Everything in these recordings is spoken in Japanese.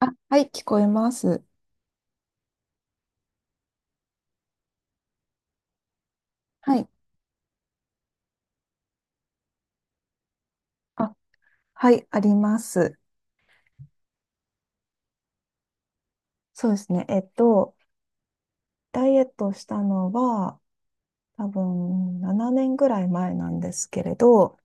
あ、はい、聞こえます。はい。あ、はい、あります。そうですね。ダイエットしたのは、多分7年ぐらい前なんですけれど、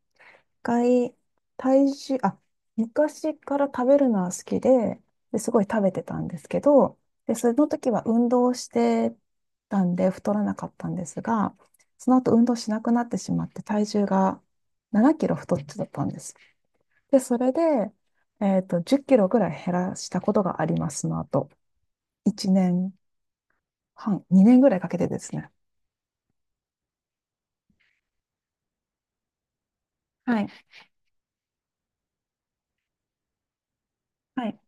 一回、体重、昔から食べるのは好きで、で、すごい食べてたんですけど、で、その時は運動してたんで太らなかったんですが、その後運動しなくなってしまって体重が7キロ太っちゃったんです。で、それで、10キロぐらい減らしたことがあります、その後。1年半、2年ぐらいかけてですね。はい、はい、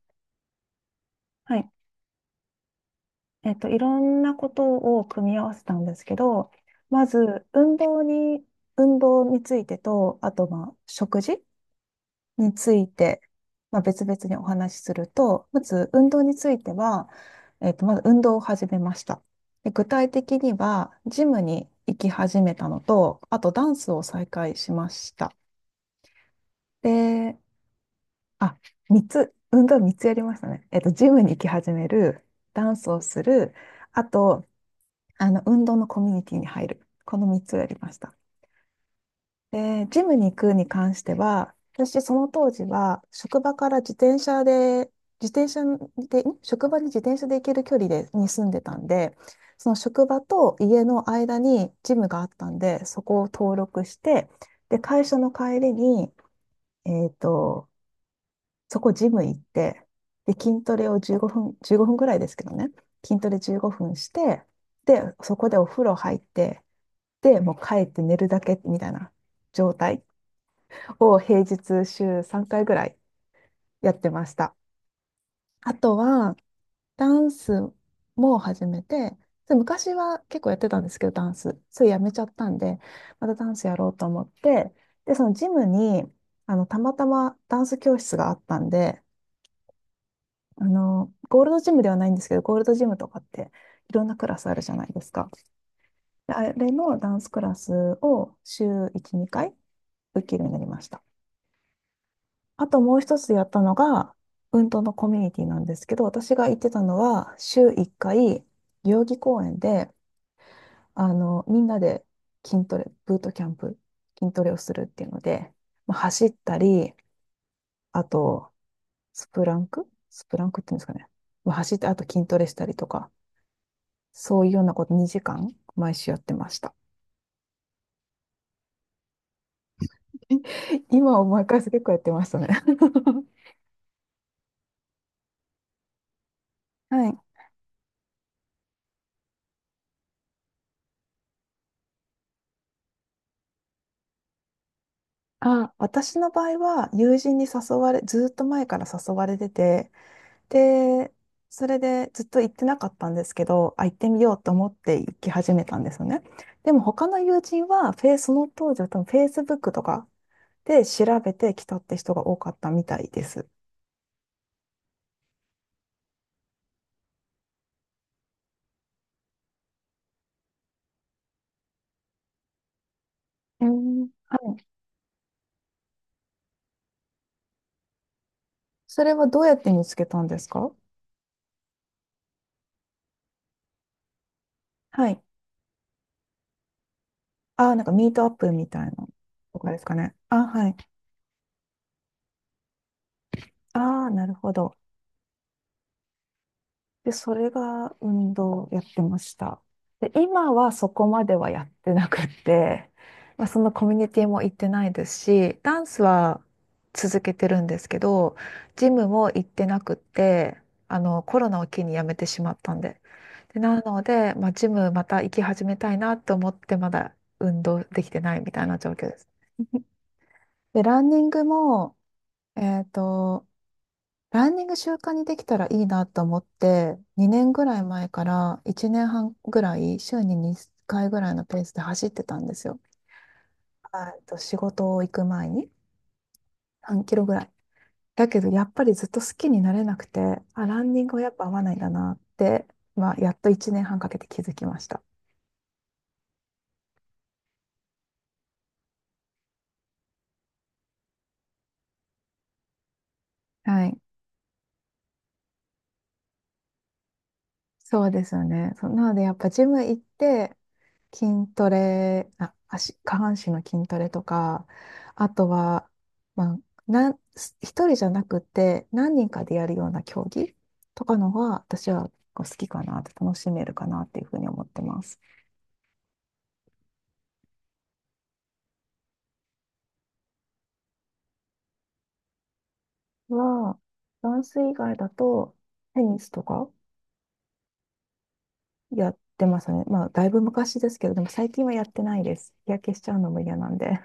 はい。いろんなことを組み合わせたんですけど、まず、運動についてと、あと、まあ、食事について、まあ、別々にお話しすると、まず運動については、まず運動を始めました。で、具体的には、ジムに行き始めたのと、あとダンスを再開しました。で、あ、3つ、運動3つやりましたね。ジムに行き始める、ダンスをする、あと、運動のコミュニティに入る。この3つをやりました。で、ジムに行くに関しては、私、その当時は、職場から自転車で、自転車職場に自転車で行ける距離で、に住んでたんで、その職場と家の間にジムがあったんで、そこを登録して、で、会社の帰りに、えっと、そこジム行って、で、筋トレを15分、15分ぐらいですけどね、筋トレ15分して、で、そこでお風呂入って、で、もう帰って寝るだけみたいな状態。を平日週3回ぐらいやってました。あとは、ダンスも始めて、で昔は結構やってたんですけど、ダンス。それやめちゃったんで、またダンスやろうと思って、で、そのジムに、たまたまダンス教室があったんで、ゴールドジムではないんですけど、ゴールドジムとかっていろんなクラスあるじゃないですか。であれのダンスクラスを週1、2回受けるようになりました。あともう一つやったのが、運動のコミュニティなんですけど、私が行ってたのは、週1回、代々木公園で、みんなで筋トレ、ブートキャンプ、筋トレをするっていうので、まあ、走ったり、あと、スプランクっていうんですかね。まあ、走って、あと筋トレしたりとか、そういうようなこと2時間、毎週やってました。今思い返すと結構やってましたね。はい。私の場合は友人に誘われ、ずーっと前から誘われてて、で、それでずっと行ってなかったんですけど、あ、行ってみようと思って行き始めたんですよね。でも他の友人は、フェイその当時は多分 Facebook とかで調べてきたって人が多かったみたいです。うん。はい。それはどうやって見つけたんですか？はい。ああ、なんかミートアップみたいなとかですかね。あ、はい。ああ、なるほど。で、それが運動やってました。で、今はそこまではやってなくて、まあ、そのコミュニティも行ってないですし、ダンスは続けてるんですけど、ジムも行ってなくて、あの、コロナを機に辞めてしまったんで。で、なので、まあ、ジムまた行き始めたいなと思って、まだ運動できてないみたいな状況です。で、ランニングも、えっと、ランニング習慣にできたらいいなと思って、2年ぐらい前から1年半ぐらい、週に2回ぐらいのペースで走ってたんですよ。えっと、仕事を行く前に3キロぐらい。だけど、やっぱりずっと好きになれなくて、あ、ランニングはやっぱ合わないんだなって、まあ、やっと1年半かけて気づきました。はい。そうですよね。そうなので、やっぱジム行って、筋トレ、下半身の筋トレとか、あとは、まあ、一人じゃなくて、何人かでやるような競技とかのが、私は好きかなって、楽しめるかなっていうふうに思ってます。は、ダンス以外だと、テニスとかやってますね。まあ、だいぶ昔ですけど、でも最近はやってないです。日焼けしちゃうのも嫌なんで。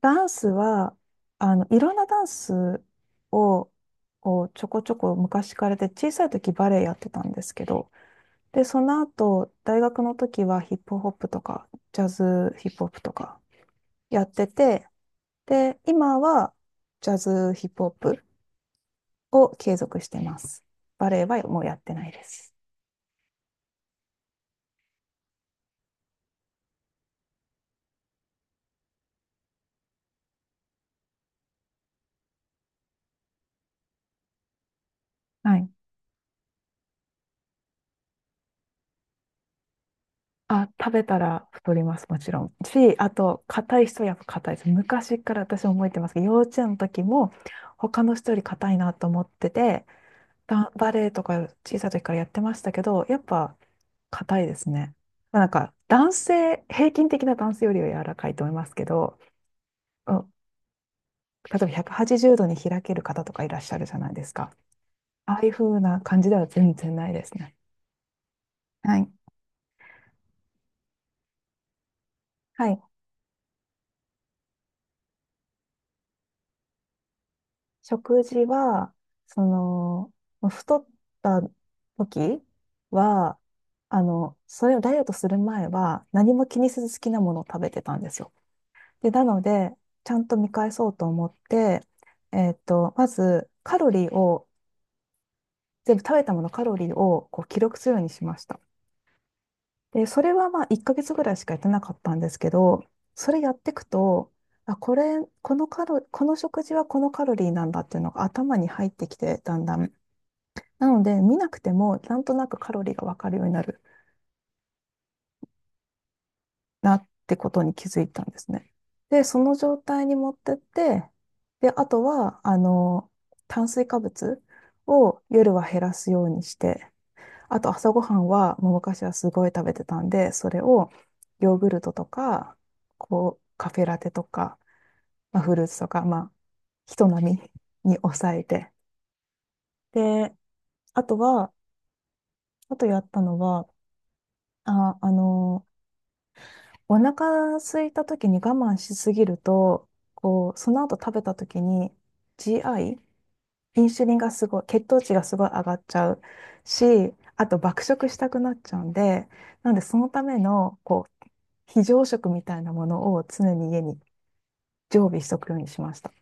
ダンスは、いろんなダンスを、こうちょこちょこ昔からで、小さい時バレエやってたんですけど、で、その後、大学の時はヒップホップとか、ジャズヒップホップとかやってて、で、今はジャズヒップホップを継続してます。バレエはもうやってないです。はい。あ、食べたら太ります、もちろん。し、あと、硬い人はやっぱ硬いです。昔から私覚えてますけど、幼稚園の時も、他の人より硬いなと思ってて、バレエとか小さい時からやってましたけど、やっぱ硬いですね。まあなんか、平均的な男性よりは柔らかいと思いますけど、うん、例えば180度に開ける方とかいらっしゃるじゃないですか。ああいう風な感じでは全然ないですね。はい。はい、食事は、その、太った時は、あの、それをダイエットする前は何も気にせず好きなものを食べてたんですよ。で、なので、ちゃんと見返そうと思って、まずカロリーを、全部食べたものカロリーをこう記録するようにしました。で、それはまあ1ヶ月ぐらいしかやってなかったんですけど、それやっていくと、あ、これ、この食事はこのカロリーなんだっていうのが頭に入ってきて、だんだん。なので、見なくても、なんとなくカロリーがわかるようになるなってことに気づいたんですね。で、その状態に持ってって、で、あとは、炭水化物を夜は減らすようにして、あと朝ごはんは、もう昔はすごい食べてたんで、それをヨーグルトとか、こう、カフェラテとか、まあ、フルーツとか、まあ、人並みに抑えて。で、あとは、あとやったのは、あ、あの、お腹空いた時に我慢しすぎると、こう、その後食べた時に GI、インシュリンがすごい、血糖値がすごい上がっちゃうし、あと爆食したくなっちゃうんで、なんでそのための、こう、非常食みたいなものを常に家に常備しとくようにしました。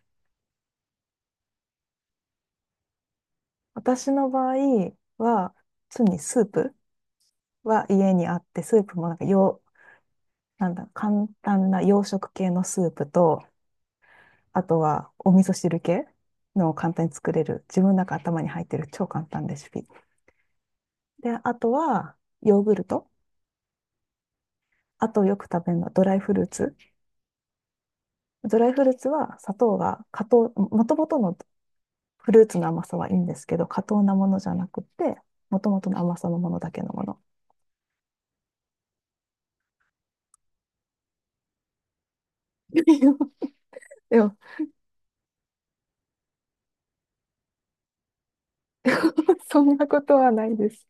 私の場合は、常にスープは家にあって、スープもなんかよう、なんだ、簡単な洋食系のスープと、あとはお味噌汁系のを簡単に作れる、自分の中頭に入ってる超簡単レシピ。で、あとはヨーグルト。あとよく食べるのはドライフルーツ。ドライフルーツは砂糖が過糖、もともとのフルーツの甘さはいいんですけど、過糖なものじゃなくて、もともとの甘さのものだけのもの。でも、そんなことはないです。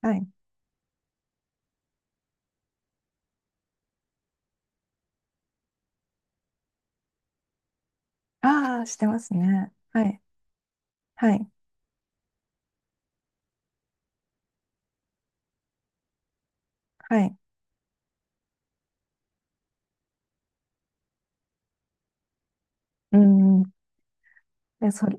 はい。ああ、してますね。はい。はい。はい。うん。で、それ、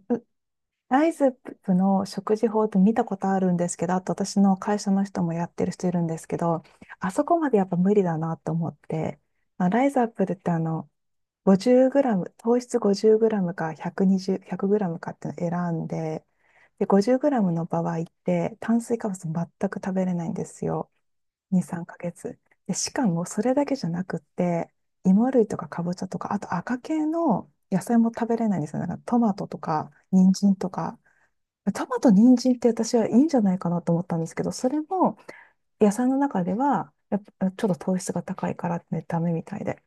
ライズアップの食事法って見たことあるんですけど、あと私の会社の人もやってる人いるんですけど、あそこまでやっぱ無理だなと思って、まあ、ライズアップってあの、50グラム、糖質50グラムか120、100グラムかっていうのを選んで、で、50グラムの場合って、炭水化物全く食べれないんですよ。2、3ヶ月。で、しかもそれだけじゃなくって、芋類とかかぼちゃとか、あと赤系の野菜も食べれないんですよ。なんかトマトとか、人参とか。トマト、人参って私はいいんじゃないかなと思ったんですけど、それも野菜の中では、やっぱちょっと糖質が高いからね、ダメみたいで。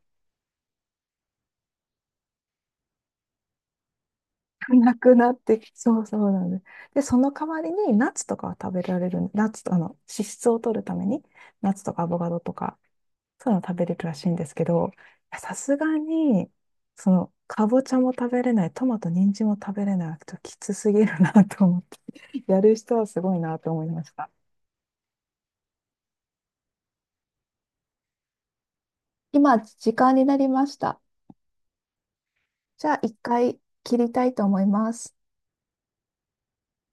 なくなってき、そうなんです。で、その代わりにナッツとかは食べられる、ナッツとあの脂質を取るために、ナッツとかアボカドとか、そういうの食べれるらしいんですけど、いやさすがに、その、かぼちゃも食べれない、トマト、人参も食べれない、ちょっときつすぎるなと思って、やる人はすごいなと思いました。今、時間になりました。じゃあ、一回切りたいと思います。